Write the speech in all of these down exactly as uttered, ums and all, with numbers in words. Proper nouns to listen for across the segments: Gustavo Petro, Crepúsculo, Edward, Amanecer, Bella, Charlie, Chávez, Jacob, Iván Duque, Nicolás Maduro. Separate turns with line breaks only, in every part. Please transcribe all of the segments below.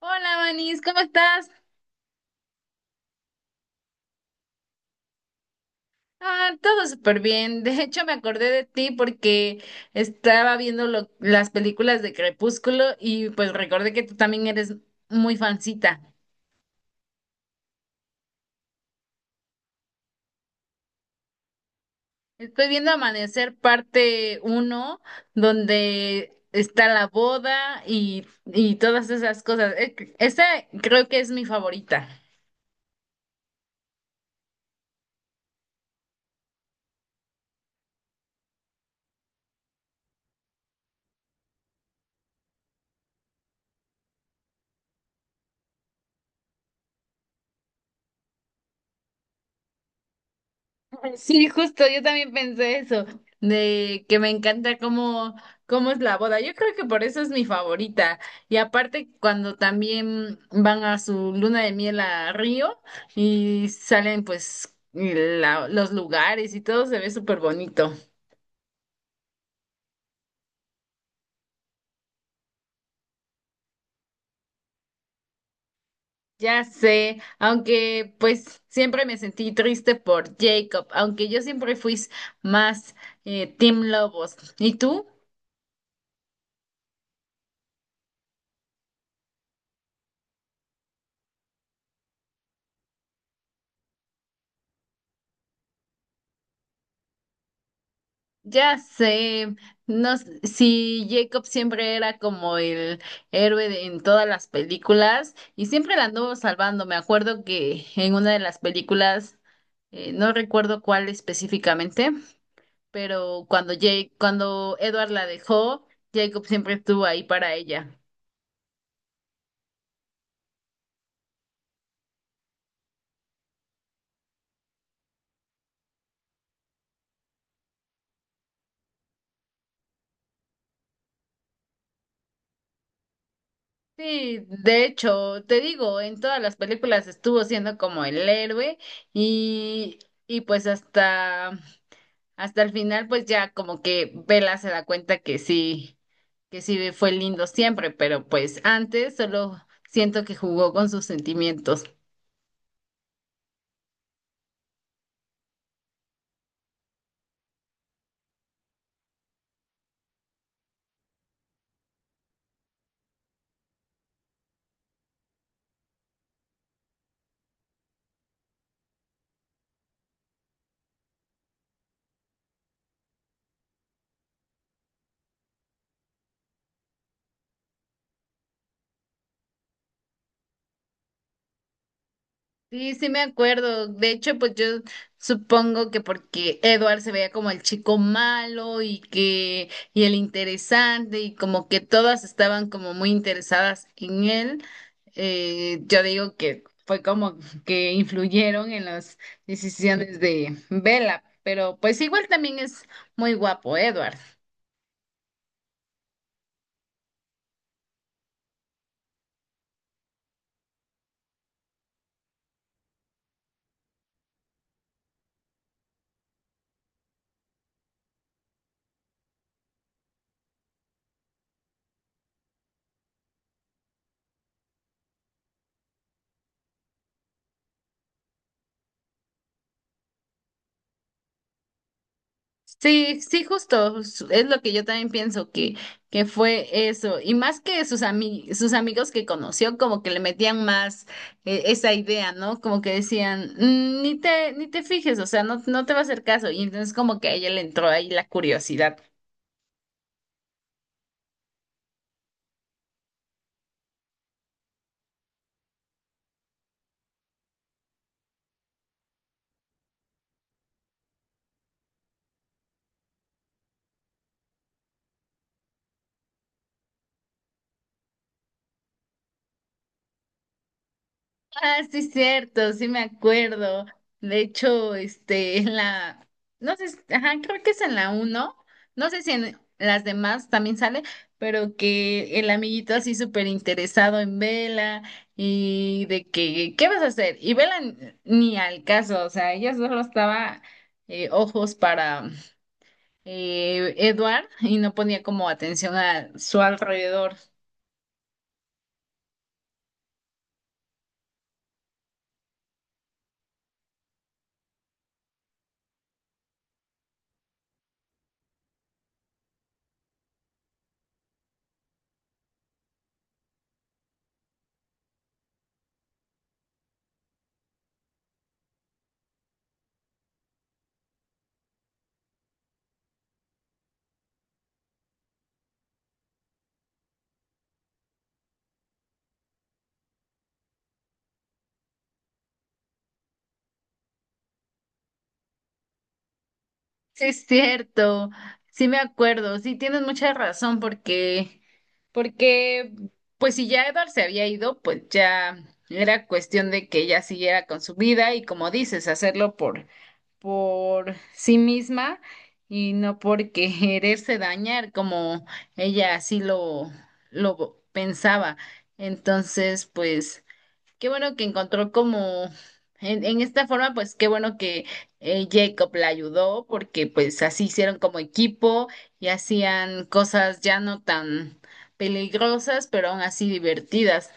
Hola, Manis, ¿cómo estás? Ah, todo súper bien. De hecho, me acordé de ti porque estaba viendo lo- las películas de Crepúsculo y pues recordé que tú también eres muy fancita. Estoy viendo Amanecer parte uno, donde está la boda y, y todas esas cosas. Eh, Esa creo que es mi favorita. Sí, justo, yo también pensé eso, de que me encanta cómo, cómo es la boda. Yo creo que por eso es mi favorita. Y aparte, cuando también van a su luna de miel a Río y salen pues la- los lugares y todo se ve súper bonito. Ya sé, aunque pues siempre me sentí triste por Jacob, aunque yo siempre fui más eh, Team Lobos. ¿Y tú? Ya sé, no, s- si Jacob siempre era como el héroe de- en todas las películas y siempre la anduvo salvando. Me acuerdo que en una de las películas, eh, no recuerdo cuál específicamente, pero cuando Jake, cuando Edward la dejó, Jacob siempre estuvo ahí para ella. Sí, de hecho, te digo, en todas las películas estuvo siendo como el héroe y, y pues hasta hasta el final, pues ya como que Bella se da cuenta que sí, que sí fue lindo siempre, pero pues antes solo siento que jugó con sus sentimientos. Sí, sí me acuerdo. De hecho, pues yo supongo que porque Edward se veía como el chico malo y que y el interesante y como que todas estaban como muy interesadas en él, eh, yo digo que fue como que influyeron en las decisiones de Bella, pero pues igual también es muy guapo Edward. Sí, sí, justo, su- es lo que yo también pienso que, que fue eso, y más que sus ami- sus amigos que conoció, como que le metían más eh, esa idea, ¿no? Como que decían, "Mm, ni te, ni te fijes, o sea, no, no te va a hacer caso", y entonces como que a ella le entró ahí la curiosidad. Ah, sí, cierto, sí me acuerdo. De hecho, este, en la, no sé, si- ajá, creo que es en la uno, no sé si en las demás también sale, pero que el amiguito así súper interesado en Vela y de que, ¿qué vas a hacer? Y Vela n- ni al caso, o sea, ella solo estaba eh, ojos para eh, Edward y no ponía como atención a su alrededor. Sí, es cierto, sí me acuerdo, sí tienes mucha razón porque, porque, pues si ya Edward se había ido, pues ya era cuestión de que ella siguiera con su vida y como dices, hacerlo por, por sí misma y no por quererse dañar como ella así lo, lo pensaba. Entonces, pues... Qué bueno que encontró como en, en esta forma, pues qué bueno que eh, Jacob la ayudó porque pues así hicieron como equipo y hacían cosas ya no tan peligrosas, pero aún así divertidas.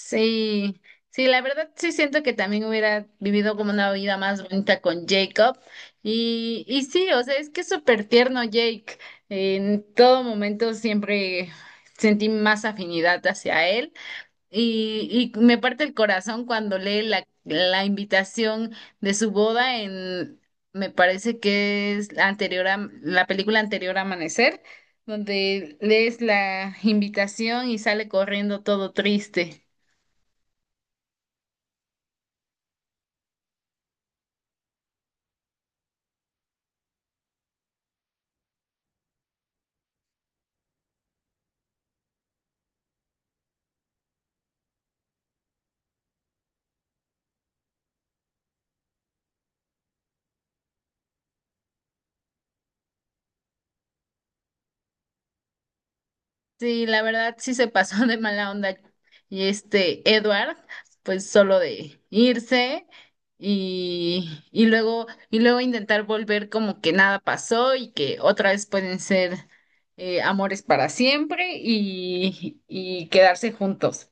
Sí, sí, la verdad sí siento que también hubiera vivido como una vida más bonita con Jacob y, y sí, o sea, es que es súper tierno Jake. En todo momento siempre sentí más afinidad hacia él. Y, y me parte el corazón cuando lee la, la invitación de su boda en, me parece que es la anterior a, la película anterior a Amanecer, donde lees la invitación y sale corriendo todo triste. Sí, la verdad sí se pasó de mala onda. Y este Edward, pues solo de irse y, y luego, y luego intentar volver como que nada pasó y que otra vez pueden ser eh, amores para siempre y, y quedarse juntos.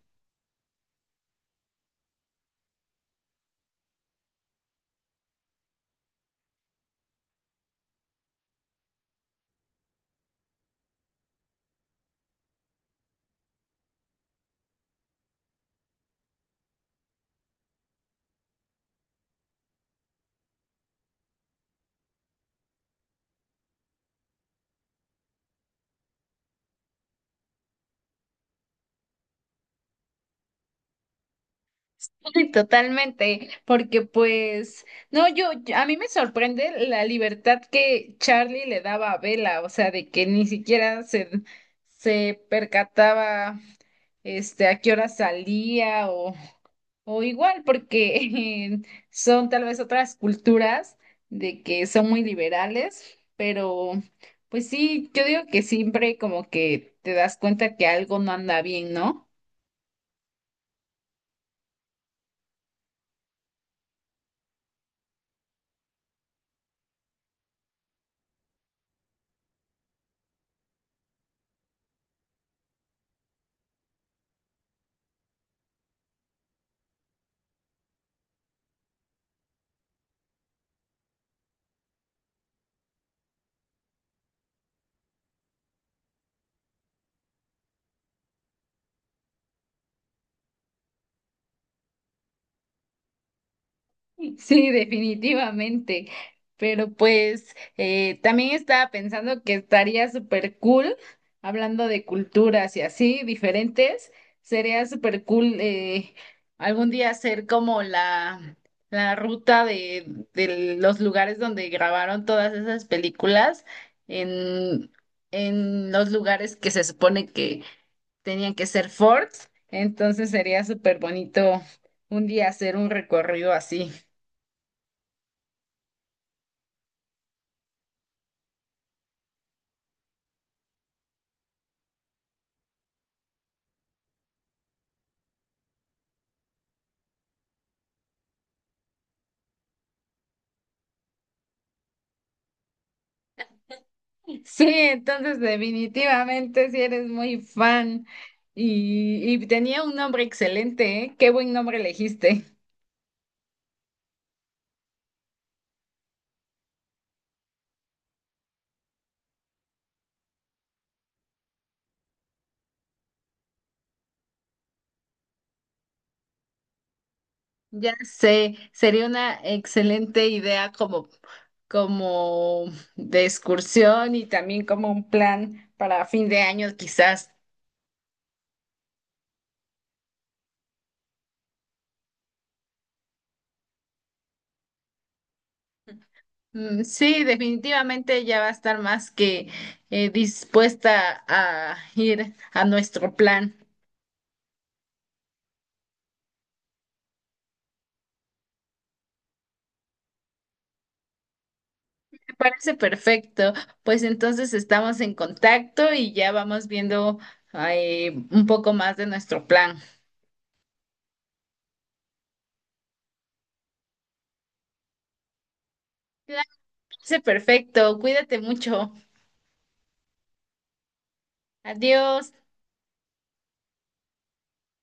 Sí, totalmente, porque pues, no, yo, yo- a mí me sorprende la libertad que Charlie le daba a Bella, o sea, de que ni siquiera se, se percataba este, a qué hora salía o, o igual, porque son tal vez otras culturas de que son muy liberales, pero pues sí, yo digo que siempre como que te das cuenta que algo no anda bien, ¿no? Sí, definitivamente. Pero pues eh, también estaba pensando que estaría súper cool, hablando de culturas y así diferentes, sería súper cool eh, algún día hacer como la, la ruta de, de los lugares donde grabaron todas esas películas en, en los lugares que se supone que tenían que ser forts. Entonces sería súper bonito un día hacer un recorrido así. Sí, entonces definitivamente si eres muy fan y, y tenía un nombre excelente, ¿eh? Qué buen nombre elegiste. Ya sé, sería una excelente idea como, como de excursión y también como un plan para fin de año quizás. Mm, sí, definitivamente ya va a estar más que eh, dispuesta a ir a nuestro plan. Parece perfecto. Pues entonces estamos en contacto y ya vamos viendo eh, un poco más de nuestro plan. Claro, parece perfecto. Cuídate mucho. Adiós.